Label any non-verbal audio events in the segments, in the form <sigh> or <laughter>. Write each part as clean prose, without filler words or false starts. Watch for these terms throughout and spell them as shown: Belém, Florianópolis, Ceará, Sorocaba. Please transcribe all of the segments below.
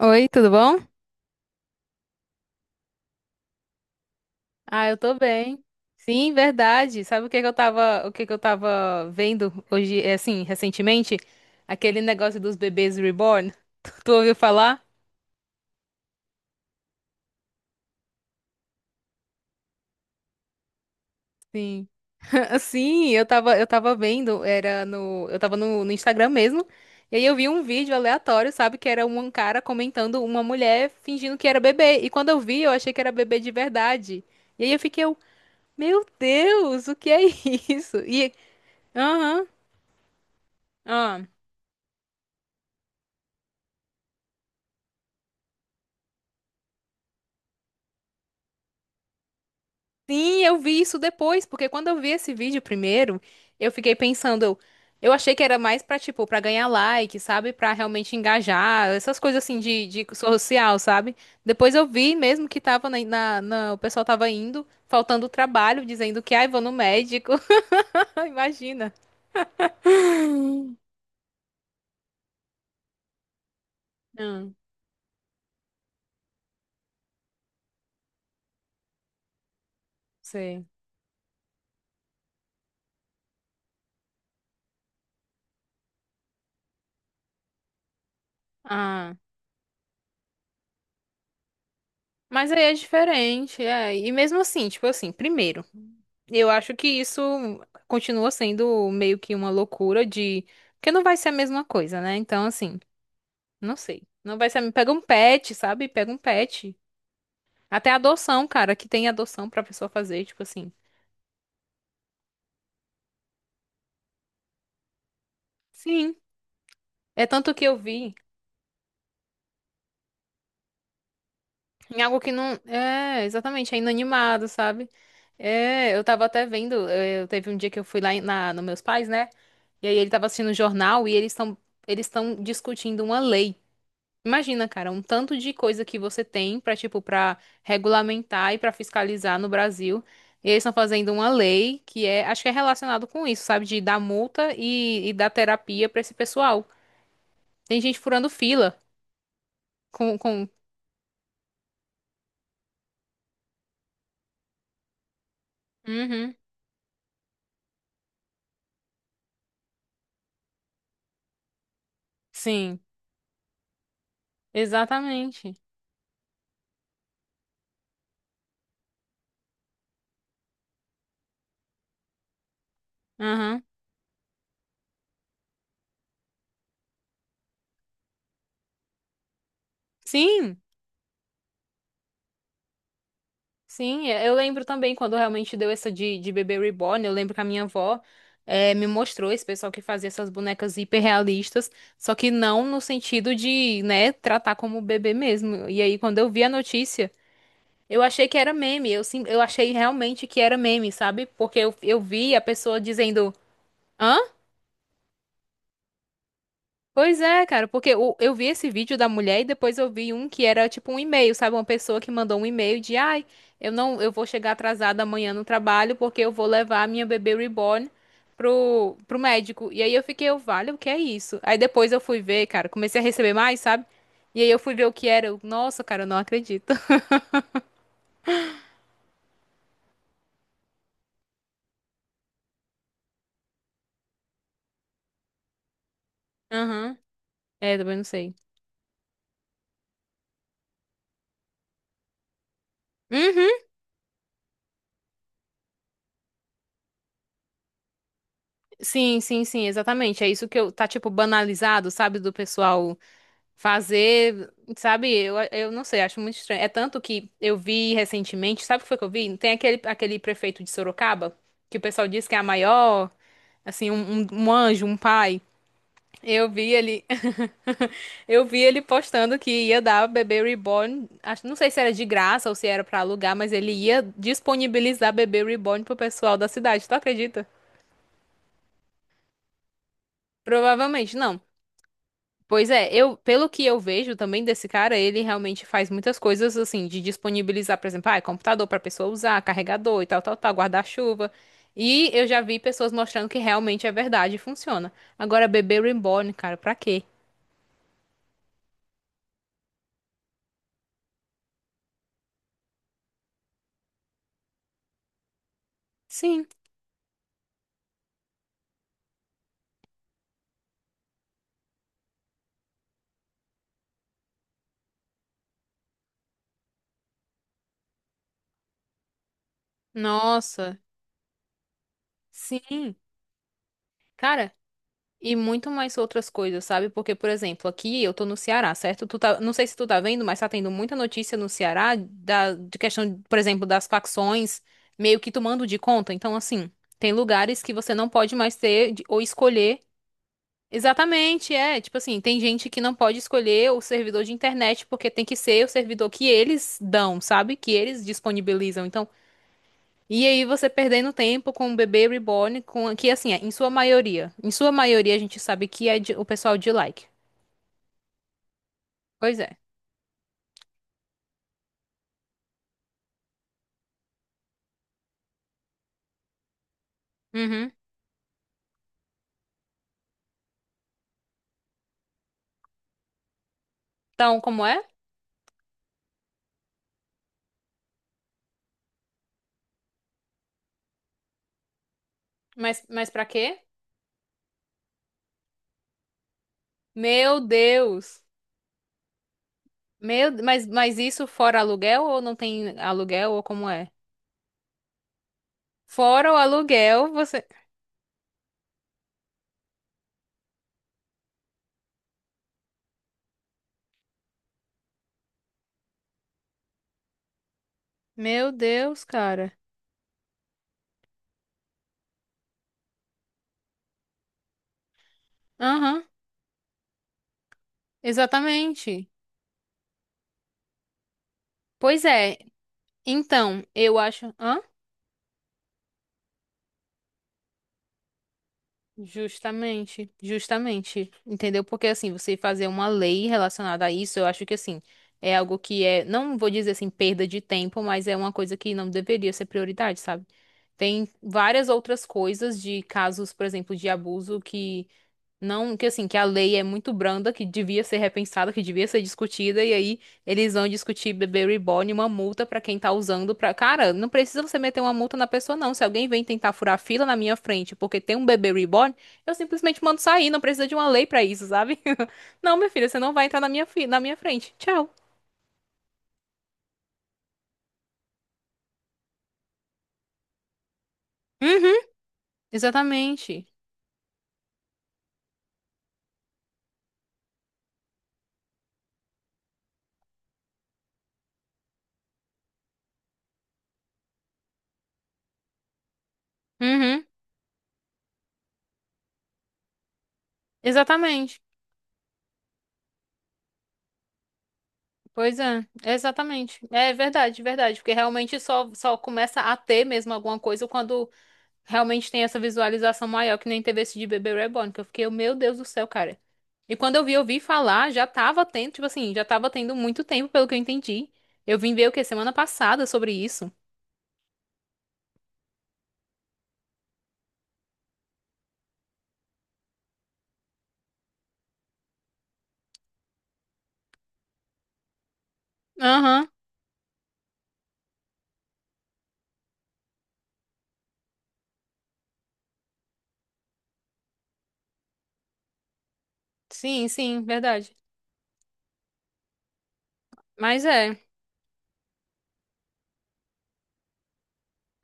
Oi, tudo bom? Ah, eu tô bem. Sim, verdade. Sabe o que que eu tava vendo hoje, assim, recentemente? Aquele negócio dos bebês reborn. <laughs> Tu ouviu falar? Sim. <laughs> Sim, eu tava vendo, era eu tava no Instagram mesmo. E aí eu vi um vídeo aleatório, sabe, que era um cara comentando uma mulher fingindo que era bebê. E quando eu vi, eu achei que era bebê de verdade. E aí meu Deus, o que é <laughs> isso? E, aham, aham. Sim, eu vi isso depois, porque quando eu vi esse vídeo primeiro, eu fiquei pensando, eu achei que era mais pra, tipo, pra ganhar like, sabe? Pra realmente engajar, essas coisas assim de social, sabe? Depois eu vi mesmo que tava o pessoal tava indo, faltando trabalho, dizendo que, ai, vou no médico. <laughs> Imagina. Não, sei. Ah. Mas aí é diferente, é. E mesmo assim, tipo assim, primeiro, eu acho que isso continua sendo meio que uma loucura de. Porque não vai ser a mesma coisa, né? Então, assim, não sei. Não vai ser. Pega um pet, sabe? Pega um pet. Até adoção, cara, que tem adoção pra pessoa fazer, tipo assim. Sim. É tanto que eu vi. Em algo que não. É, exatamente, é inanimado, sabe? É, eu tava até vendo. Eu, teve um dia que eu fui lá em- na, nos meus pais, né? E aí ele tava assistindo o jornal e eles estão discutindo uma lei. Imagina, cara, um tanto de coisa que você tem pra, tipo, pra regulamentar e pra fiscalizar no Brasil. E eles estão fazendo uma lei que é, acho que é relacionado com isso, sabe? De dar multa e dar terapia pra esse pessoal. Tem gente furando fila com... Uhum. Sim, exatamente. Aham. Sim, sim, é, eu lembro também quando realmente deu essa de bebê reborn, eu lembro que a minha avó me mostrou esse pessoal que fazia essas bonecas hiperrealistas, só que não no sentido de, né, tratar como bebê mesmo. E aí, quando eu vi a notícia, eu achei que era meme, eu, sim, eu achei realmente que era meme, sabe? Porque eu vi a pessoa dizendo. "Hã? Pois é, cara, porque o- eu vi esse vídeo da mulher e depois eu vi um que era tipo um e-mail, sabe? Uma pessoa que mandou um e-mail de, ai, eu não, eu vou chegar atrasada amanhã no trabalho porque eu vou levar a minha bebê reborn pro médico. E aí vale, o que é isso? Aí depois eu fui ver, cara, comecei a receber mais, sabe? E aí eu fui ver o que era. Nossa, cara, eu não acredito. <laughs> Aham. É, também não sei. Uhum. Sim, sim, sim, exatamente. É isso que eu, tá tipo banalizado, sabe, do pessoal fazer, sabe, eu não sei, acho muito estranho. É tanto que eu vi recentemente, sabe o que foi que eu vi? Tem aquele prefeito de Sorocaba, que o pessoal diz que é a maior, assim, um, um anjo, um pai. Eu vi ele, <laughs> eu vi ele postando que ia dar bebê reborn, acho, não sei se era de graça ou se era pra alugar, mas ele ia disponibilizar bebê reborn pro pessoal da cidade, tu acredita? Provavelmente não. Pois é, eu, pelo que eu vejo também desse cara, ele realmente faz muitas coisas assim, de disponibilizar, por exemplo, ah, é computador para pessoa usar, carregador e tal, tal, tal, guarda-chuva. E eu já vi pessoas mostrando que realmente é verdade e funciona. Agora, bebê reborn, cara, pra quê? Sim. Nossa, sim. Cara, e muito mais outras coisas, sabe? Porque, por exemplo, aqui eu tô no Ceará, certo? Tu tá, não sei se tu tá vendo, mas tá tendo muita notícia no Ceará de questão, por exemplo, das facções meio que tomando de conta. Então, assim, tem lugares que você não pode mais ter de- ou escolher. Exatamente, é. Tipo assim, tem gente que não pode escolher o servidor de internet porque tem que ser o servidor que eles dão, sabe? Que eles disponibilizam. Então, e aí você perdendo tempo com o bebê reborn, com que assim, é, em sua maioria a gente sabe que é de- o pessoal de like. Pois é. Uhum. Então, como é? Mas para quê? Meu Deus. Meu, mas isso fora aluguel ou não tem aluguel ou como é? Fora o aluguel, você. Meu Deus, cara. Aham, exatamente. Pois é. Então, eu acho. Hã? Justamente, justamente, entendeu? Porque assim, você fazer uma lei relacionada a isso, eu acho que assim, é algo que é, não vou dizer assim, perda de tempo, mas é uma coisa que não deveria ser prioridade, sabe? Tem várias outras coisas de casos, por exemplo, de abuso que não, que assim, que a lei é muito branda, que devia ser repensada, que devia ser discutida, e aí eles vão discutir bebê reborn, uma multa pra quem tá usando pra. Cara, não precisa você meter uma multa na pessoa, não. Se alguém vem tentar furar fila na minha frente porque tem um bebê reborn, eu simplesmente mando sair, não precisa de uma lei pra isso, sabe? <laughs> Não, minha filha, você não vai entrar na minha, fi... na minha frente. Tchau. Uhum, exatamente. Uhum, exatamente. Pois é, exatamente. É verdade, verdade, porque realmente só, só começa a ter mesmo alguma coisa quando. Realmente tem essa visualização maior que nem teve esse de Bebê Reborn, que eu fiquei, meu Deus do céu, cara. E quando eu vi falar, já tava tendo, tipo assim, já tava tendo muito tempo, pelo que eu entendi. Eu vim ver o quê? Semana passada sobre isso. Aham. Sim, sim, verdade. Mas é.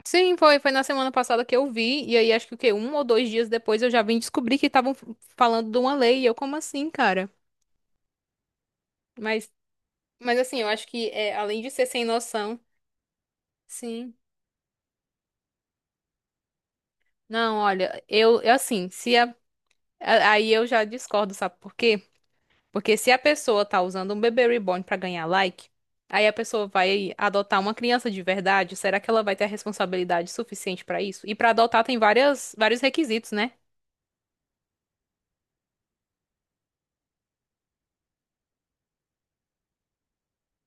Sim, foi, foi na semana passada que eu vi, e aí acho que o quê? Um ou dois dias depois eu já vim descobrir que estavam falando de uma lei, e eu, como assim, cara? Mas, mas assim, eu acho que é, além de ser sem noção, sim. Não, olha, eu assim, se a a- aí eu já discordo, sabe por quê? Porque se a pessoa tá usando um bebê reborn pra ganhar like, aí a pessoa vai adotar uma criança de verdade, será que ela vai ter a responsabilidade suficiente pra isso? E pra adotar tem várias, vários requisitos, né?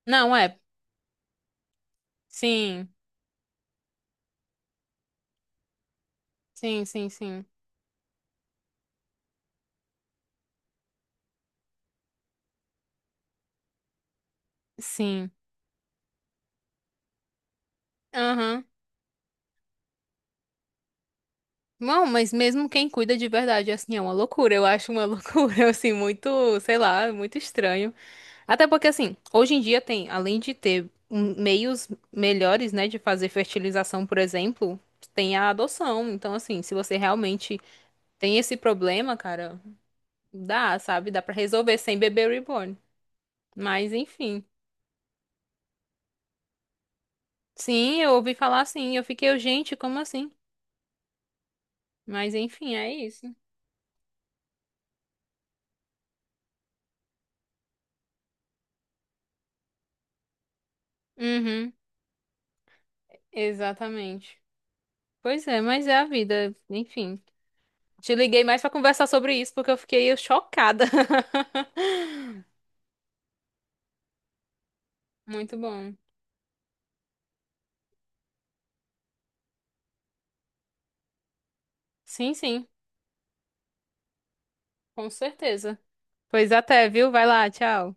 Não é. Sim, sim, sim, sim. Sim. Aham. Não, mas mesmo quem cuida de verdade, assim, é uma loucura. Eu acho uma <laughs> loucura, assim, muito, sei lá, muito estranho. Até porque, assim, hoje em dia tem, além de ter meios melhores, né, de fazer fertilização, por exemplo, tem a adoção. Então, assim, se você realmente tem esse problema, cara, dá, sabe? Dá pra resolver sem bebê reborn. Mas, enfim. Sim, eu ouvi falar assim, eu fiquei, eu, gente, como assim? Mas, enfim, é isso. Uhum, exatamente. Pois é, mas é a vida, enfim. Te liguei mais pra conversar sobre isso porque eu fiquei chocada. <laughs> Muito bom. Sim, sim. Com certeza. Pois até, viu? Vai lá, tchau.